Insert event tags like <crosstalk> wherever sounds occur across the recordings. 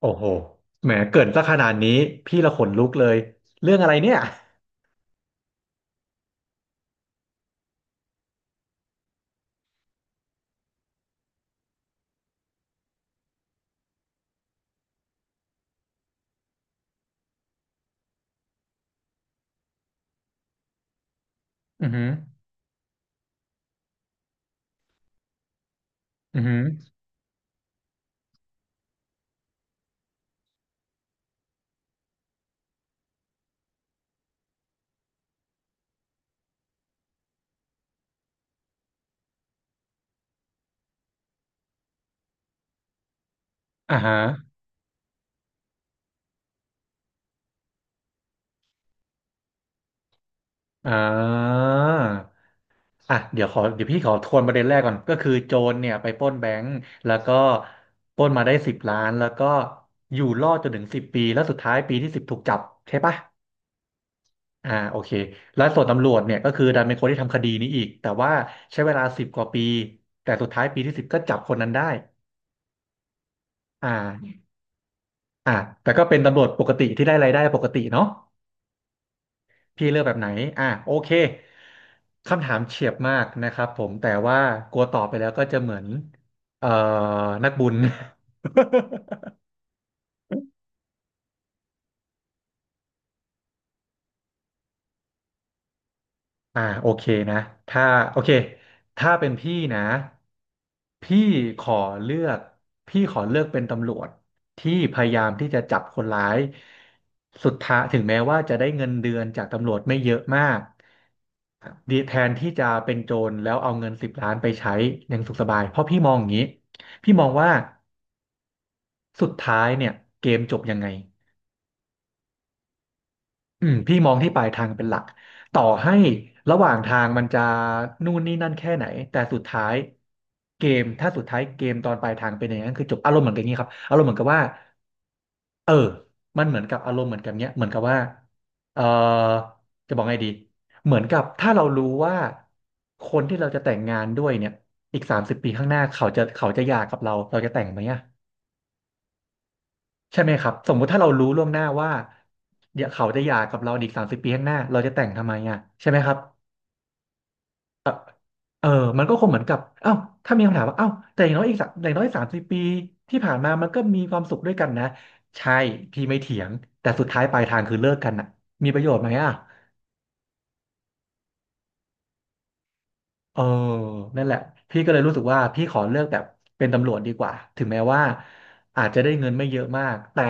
โอ้โหแหมเกริ่นซะขนาดนี้พี่ละขนลุกเลย เรื่องอะไรเนี่ย อือหืออือหืออ่าฮะอ่าอ่ะเดี๋ยวพี่ขอทวนประเด็นแรกก่อน ก็คือโจรเนี่ยไปปล้นแบงก์แล้วก็ปล้นมาได้สิบล้านแล้วก็อยู่รอดจนถึงสิบปี แล้วสุดท้ายปีที่ 10ถูกจับใช่ปะอ่าโอเค แล้วส่วนตำรวจเนี่ยก็คือดันเป็นคนที่ทำคดีนี้อีกแต่ว่าใช้เวลาสิบกว่าปีแต่สุดท้ายปีที่สิบก็จับคนนั้นได้อ่า อ่ะแต่ก็เป็นตำรวจปกติที่ได้รายได้ปกติเนาะพี่เลือกแบบไหนอ่ะโอเคคำถามเฉียบมากนะครับผมแต่ว่ากลัวตอบไปแล้วก็จะเหมือนเอ่อนักบุญ <laughs> อ่าโอเคนะถ้าโอเคถ้าเป็นพี่นะพี่ขอเลือกพี่ขอเลือกเป็นตำรวจที่พยายามที่จะจับคนร้ายสุดท้ายถึงแม้ว่าจะได้เงินเดือนจากตำรวจไม่เยอะมากดีแทนที่จะเป็นโจรแล้วเอาเงินสิบล้านไปใช้อย่างสุขสบายเพราะพี่มองอย่างนี้พี่มองว่าสุดท้ายเนี่ยเกมจบยังไง อืมพี่มองที่ปลายทางเป็นหลักต่อให้ระหว่างทางมันจะนู่นนี่นั่นแค่ไหนแต่สุดท้ายเกมถ้าสุดท้ายเกมตอนปลายทางเป็นอย่างนั้นคือจบอารมณ์เหมือนกันนี้ครับอารมณ์เหมือนกับว่าเออมันเหมือนกับอารมณ์เหมือนกับเนี้ยเหมือนกับว่าเออจะบอกไงดีเหมือนกับถ้าเรารู้ว่าคนที่เราจะแต่งงานด้วยเนี่ยอีกสามสิบปีข้างหน้าเขาจะเขาจะหย่ากับเราเราจะแต่งไหมอะ ใช่ไหมครับสมมุติถ้าเรารู้ล่วงหน้าว่าเดี๋ยวเขาจะหย่ากับเราอีกสามสิบปีข้างหน้าเราจะแต่งทำไมอ่ะใช่ไหมครับเออเออมันก็คงเหมือนกับเอ้าถ้ามีคำถามว่าเอ้าแต่อย่างน้อยอีกสักอย่างน้อยสามสิบปีที่ผ่านมามันก็มีความสุขด้วยกันนะใช่พี่ไม่เถียงแต่สุดท้ายปลายทางคือเลิกกันอ่ะมีประโยชน์ไหมอ่ะ เออนั่นแหละพี่ก็เลยรู้สึกว่าพี่ขอเลือกแบบเป็นตำรวจดีกว่า ถึงแม้ว่าอาจจะได้เงินไม่เยอะมาก แต่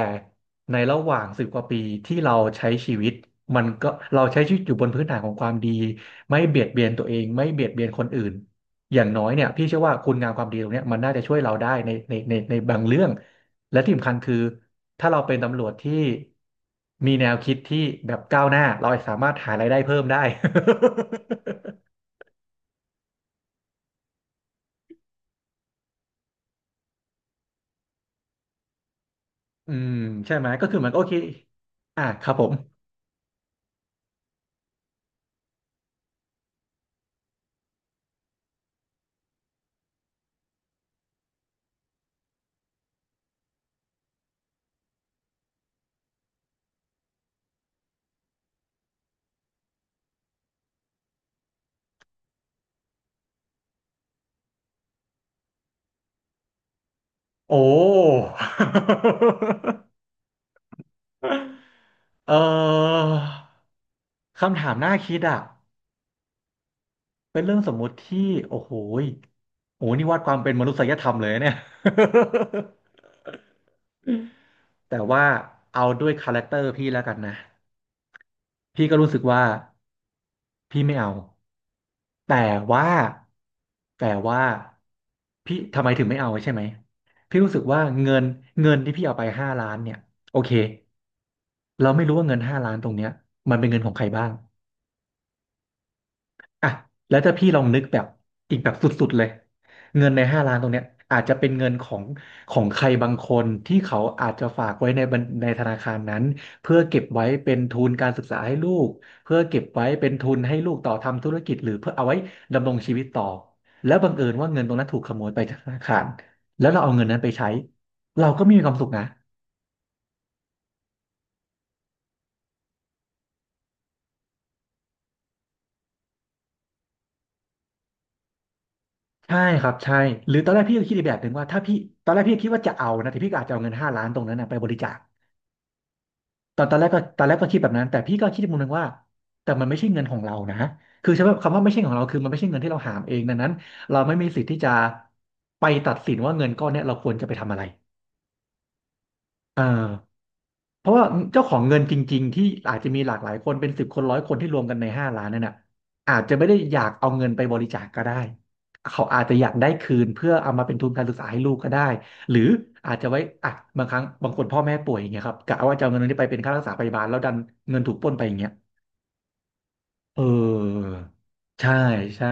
ในระหว่างสิบกว่าปีที่เราใช้ชีวิตมันก็เราใช้ชีวิตอยู่บนพื้นฐานของความดีไม่เบียดเบียนตัวเองไม่เบียดเบียนคนอื่นอย่างน้อยเนี่ยพี่เชื่อว่าคุณงามความดีตรงเนี้ยมันน่าจะช่วยเราได้ในบางเรื่องและที่สำคัญคือถ้าเราเป็นตำรวจที่มีแนวคิดที่แบบก้าวหน้าเราสามารถหารายได้เพิ่มได้ <laughs> อืมใช่ไหมก็คือมันก็โอเคอ่ะครับผมโอ้ <laughs> เออคำถามน่าคิดอ่ะเป็นเรื่องสมมุติที่โอ้โหยโอ้โหนี่วัดความเป็นมนุษยธรรมเลยนะเนี่ย <laughs> แต่ว่าเอาด้วยคาแรคเตอร์พี่แล้วกันนะ พี่ก็รู้สึกว่าพี่ไม่เอาแต่ว่าแต่ว่าพี่ทำไมถึงไม่เอาใช่ไหมพี่รู้สึกว่าเงินเงินที่พี่เอาไปห้าล้านเนี่ยโอเคเราไม่รู้ว่าเงินห้าล้านตรงเนี้ยมันเป็นเงินของใครบ้าง อ่ะแล้วถ้าพี่ลองนึกแบบอีกแบบสุดๆเลยเงินในห้าล้านตรงเนี้ยอาจจะเป็นเงินของของใครบางคนที่เขาอาจจะฝากไว้ในธนาคารนั้นเพื่อเก็บไว้เป็นทุนการศึกษาให้ลูกเพื่อเก็บไว้เป็นทุนให้ลูกต่อทำธุรกิจหรือเพื่อเอาไว้ดำรงชีวิตต่อแล้วบังเอิญว่าเงินตรงนั้นถูกขโมยไปจากธนาคารแล้วเราเอาเงินนั้นไปใช้เราก็ไม่มีความสุขนะใช่ครับใช่หรือตอนแรกพี่ก็คิดอีกแบบหนึ่งว่าถ้าพี่ตอนแรกพี่คิดว่าจะเอานะแต่พี่ก็อาจจะเอาเงินห้าล้านตรงนั้นนะไปบริจาค ตอนตอนแรกก็ตอนแรกก็คิดแบบนั้นแต่พี่ก็คิดอีมุมหนึงว่าแต่มันไม่ใช่เงินของเรานะคือใช่ไหมคำว่าไม่ใช่ของเราคือมันไม่ใช่เงินที่เราหามเองดังนั้นเราไม่มีสิทธิ์ที่จะไปตัดสินว่าเงินก้อนเนี้ยเราควรจะไปทำอะไรเออเพราะว่าเจ้าของเงินจริงๆที่อาจจะมีหลากหลายคนเป็น10 คน 100 คนที่รวมกันใน5 ล้านนั่นน่ะอาจจะไม่ได้อยากเอาเงินไปบริจาคก็ได้เขาอาจจะอยากได้คืนเพื่อเอามาเป็นทุนการศึกษาให้ลูกก็ได้หรืออาจจะไว้อ่ะบางครั้งบางคนพ่อแม่ป่วยอย่างเงี้ยครับกะว่าจะเอาเงินนี้ไปเป็นค่ารักษาพยาบาลแล้วดันเงินถูกปล้นไปอย่างเงี้ย เออใช่ใช่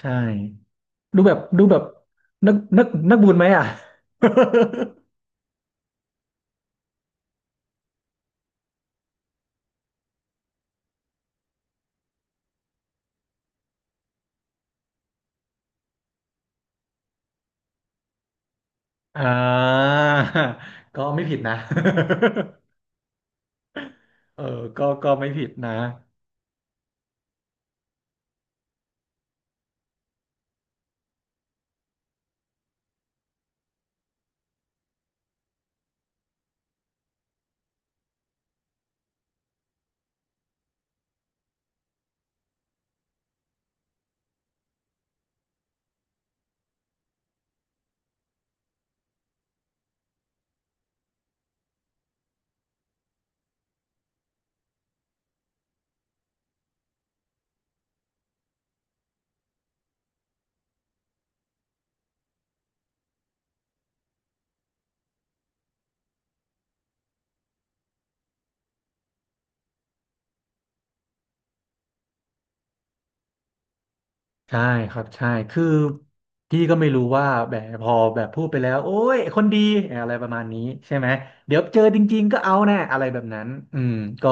ใช่ดูแบบนักบุญไหมอ่ะ <laughs> อ่าก็ไม่ผิดนะ <laughs> เออก็ไม่ผิดนะ ใช่ครับใช่คือพี่ก็ไม่รู้ว่าแบบพอแบบพูดไปแล้วโอ้ยคนดีอะไรประมาณนี้ใช่ไหมเดี๋ยวเจอจริงๆก็เอาแน่อะไรแบบนั้นอืมก็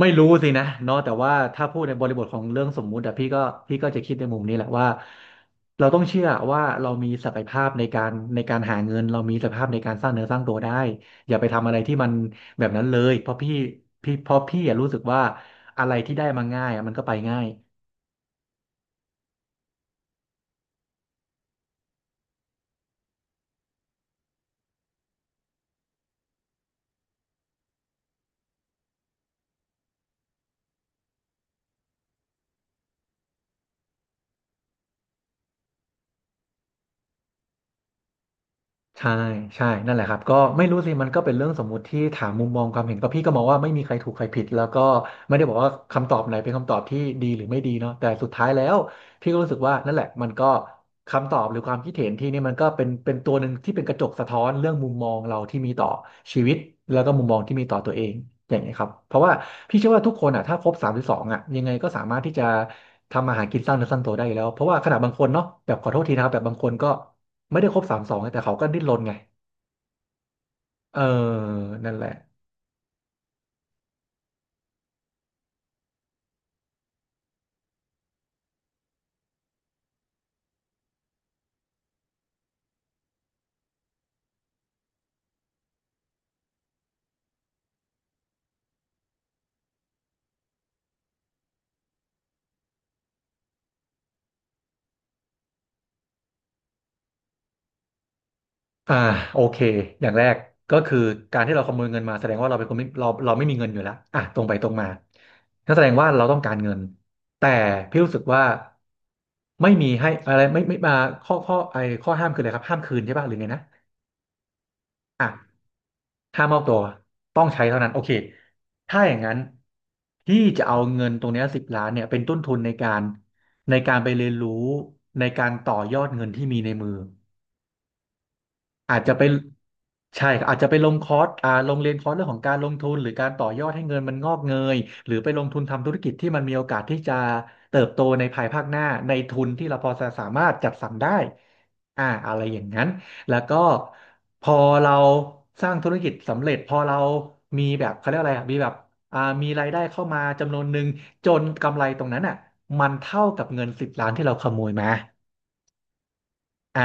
ไม่รู้สินะเนาะแต่ว่าถ้าพูดในบริบทของเรื่องสมมุติอะพี่ก็จะคิดในมุมนี้แหละว่าเราต้องเชื่อว่าเรามีศักยภาพในการหาเงินเรามีศักยภาพในการสร้างเนื้อสร้างตัวได้อย่าไปทำอะไรที่มันแบบนั้นเลยเพราะพี่อะรู้สึกว่าอะไรที่ได้มาง่ายอะมันก็ไปง่าย ใช่ใช่นั่นแหละครับก็ไม่รู้สิมันก็เป็นเรื่องสมมุติที่ถามมุมมองความเห็นก็พี่ก็มองว่าไม่มีใครถูกใครผิดแล้วก็ไม่ได้บอกว่าคำตอบไหนเป็นคำตอบที่ดีหรือไม่ดีเนาะแต่สุดท้ายแล้วพี่ก็รู้สึกว่านั่นแหละมันก็คำตอบหรือความคิดเห็นที่นี่มันก็เป็นตัวหนึ่งที่เป็นกระจกสะท้อนเรื่องมุมมองเราที่มีต่อชีวิตแล้วก็มุมมองที่มีต่อตัวเองอย่างนี้ยครับเพราะว่าพี่เชื่อว่าทุกคนอ่ะถ้าครบ32อ่ะยังไงก็สามารถที่จะทำอาหารกินสร้างเนื้อสร้างตัวได้อยู่แล้วเพราะว่าขนาดบางคนเนาะแบบขอโทษทีนะครับแบบบางคนก็ ไม่ได้ครบ32แต่เขาก็ดิ้นรนไงเออนั่นแหละอ่าโอเคอย่างแรกก็คือการที่เราขโมยเงินมาแสดงว่าเราเป็นคนไม่เราเราไม่มีเงินอยู่แล้วอ่ะตรงไปตรงมานั่นแสดงว่าเราต้องการเงินแต่พี่รู้สึกว่าไม่มีให้อะไรไม่มาข้อข้อไอข้อห้ามคืออะไรครับห้ามคืนใช่ป่ะหรือไงนะอ่ะ ถ้ามอบตัวต้องใช้เท่านั้นโอเคถ้าอย่างนั้นพี่จะเอาเงินตรงเนี้สิบล้านเนี่ยเป็นต้นทุนในการในการไปเรียนรู้ในการต่อยอดเงินที่มีในมือ อาจจะไปใช่ครับอาจจะไปลงคอร์สอ่าลงเรียนคอร์สเรื่องของการลงทุนหรือการต่อยอดให้เงินมันงอกเงยหรือไปลงทุนทำธุรกิจที่มันมีโอกาสที่จะเติบโตในภายภาคหน้าในทุนที่เราพอจะสามารถจัดสรรได้อ่าอะไรอย่างนั้นแล้วก็พอเราสร้างธุรกิจสำเร็จพอเรามีแบบเขาเรียกอะไรอ่ะมีแบบอ่ามีรายได้เข้ามาจำนวนหนึ่งจนกำไรตรงนั้นอ่ะมันเท่ากับเงินสิบล้านที่เราขโมยมา อ่ะ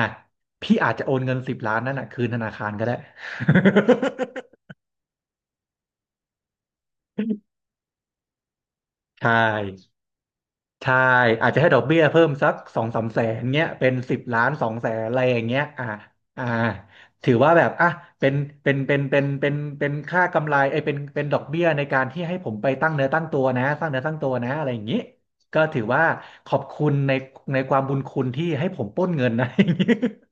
พี่อาจจะโอนเงินสิบล้านนั่นน่ะคืนธนาคารก็ได้ <laughs> ใช่ใช่อาจจะให้ดอกเบี้ยเพิ่มสัก2-3 แสนเงี้ยเป็น10 ล้าน 2 แสนอะไรอย่างเงี้ยอ่าอ่าถือว่าแบบอ่ะเป็นเป็นเป็นเป็นเป็นเป็นค่ากำไรไอ้ยเป็นดอกเบี้ยในการที่ให้ผมไปตั้งเนื้อตั้งตัวนะสร้างเนื้อตั้งตัวนะอะไรอย่างงี้ก็ถือว่าขอบคุณในในความบุญคุณที่ให้ผมปล้นเงินนะ <laughs>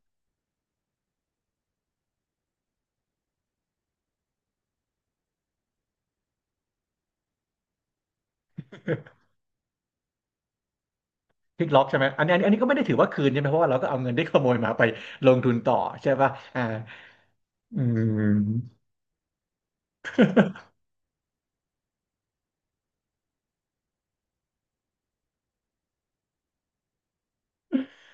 พลิกล็อกใช่ไหมอันนี้ก็ไม่ได้ถือว่าคืนใช่ไหมเพราะว่าเราก็เอาเงินที่ขโมยมาไปลงทุนต่อใช่ป่ะอ่าอืม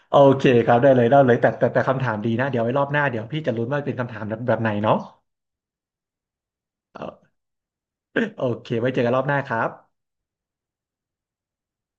โอเคครับได้เลยได้เลยแต่คำถามดีนะเดี๋ยวไว้รอบหน้าเดี๋ยวพี่จะลุ้นว่าเป็นคำถามแบบไหนเนาะเออโอเคไว้เจอกันรอบหน้าครับ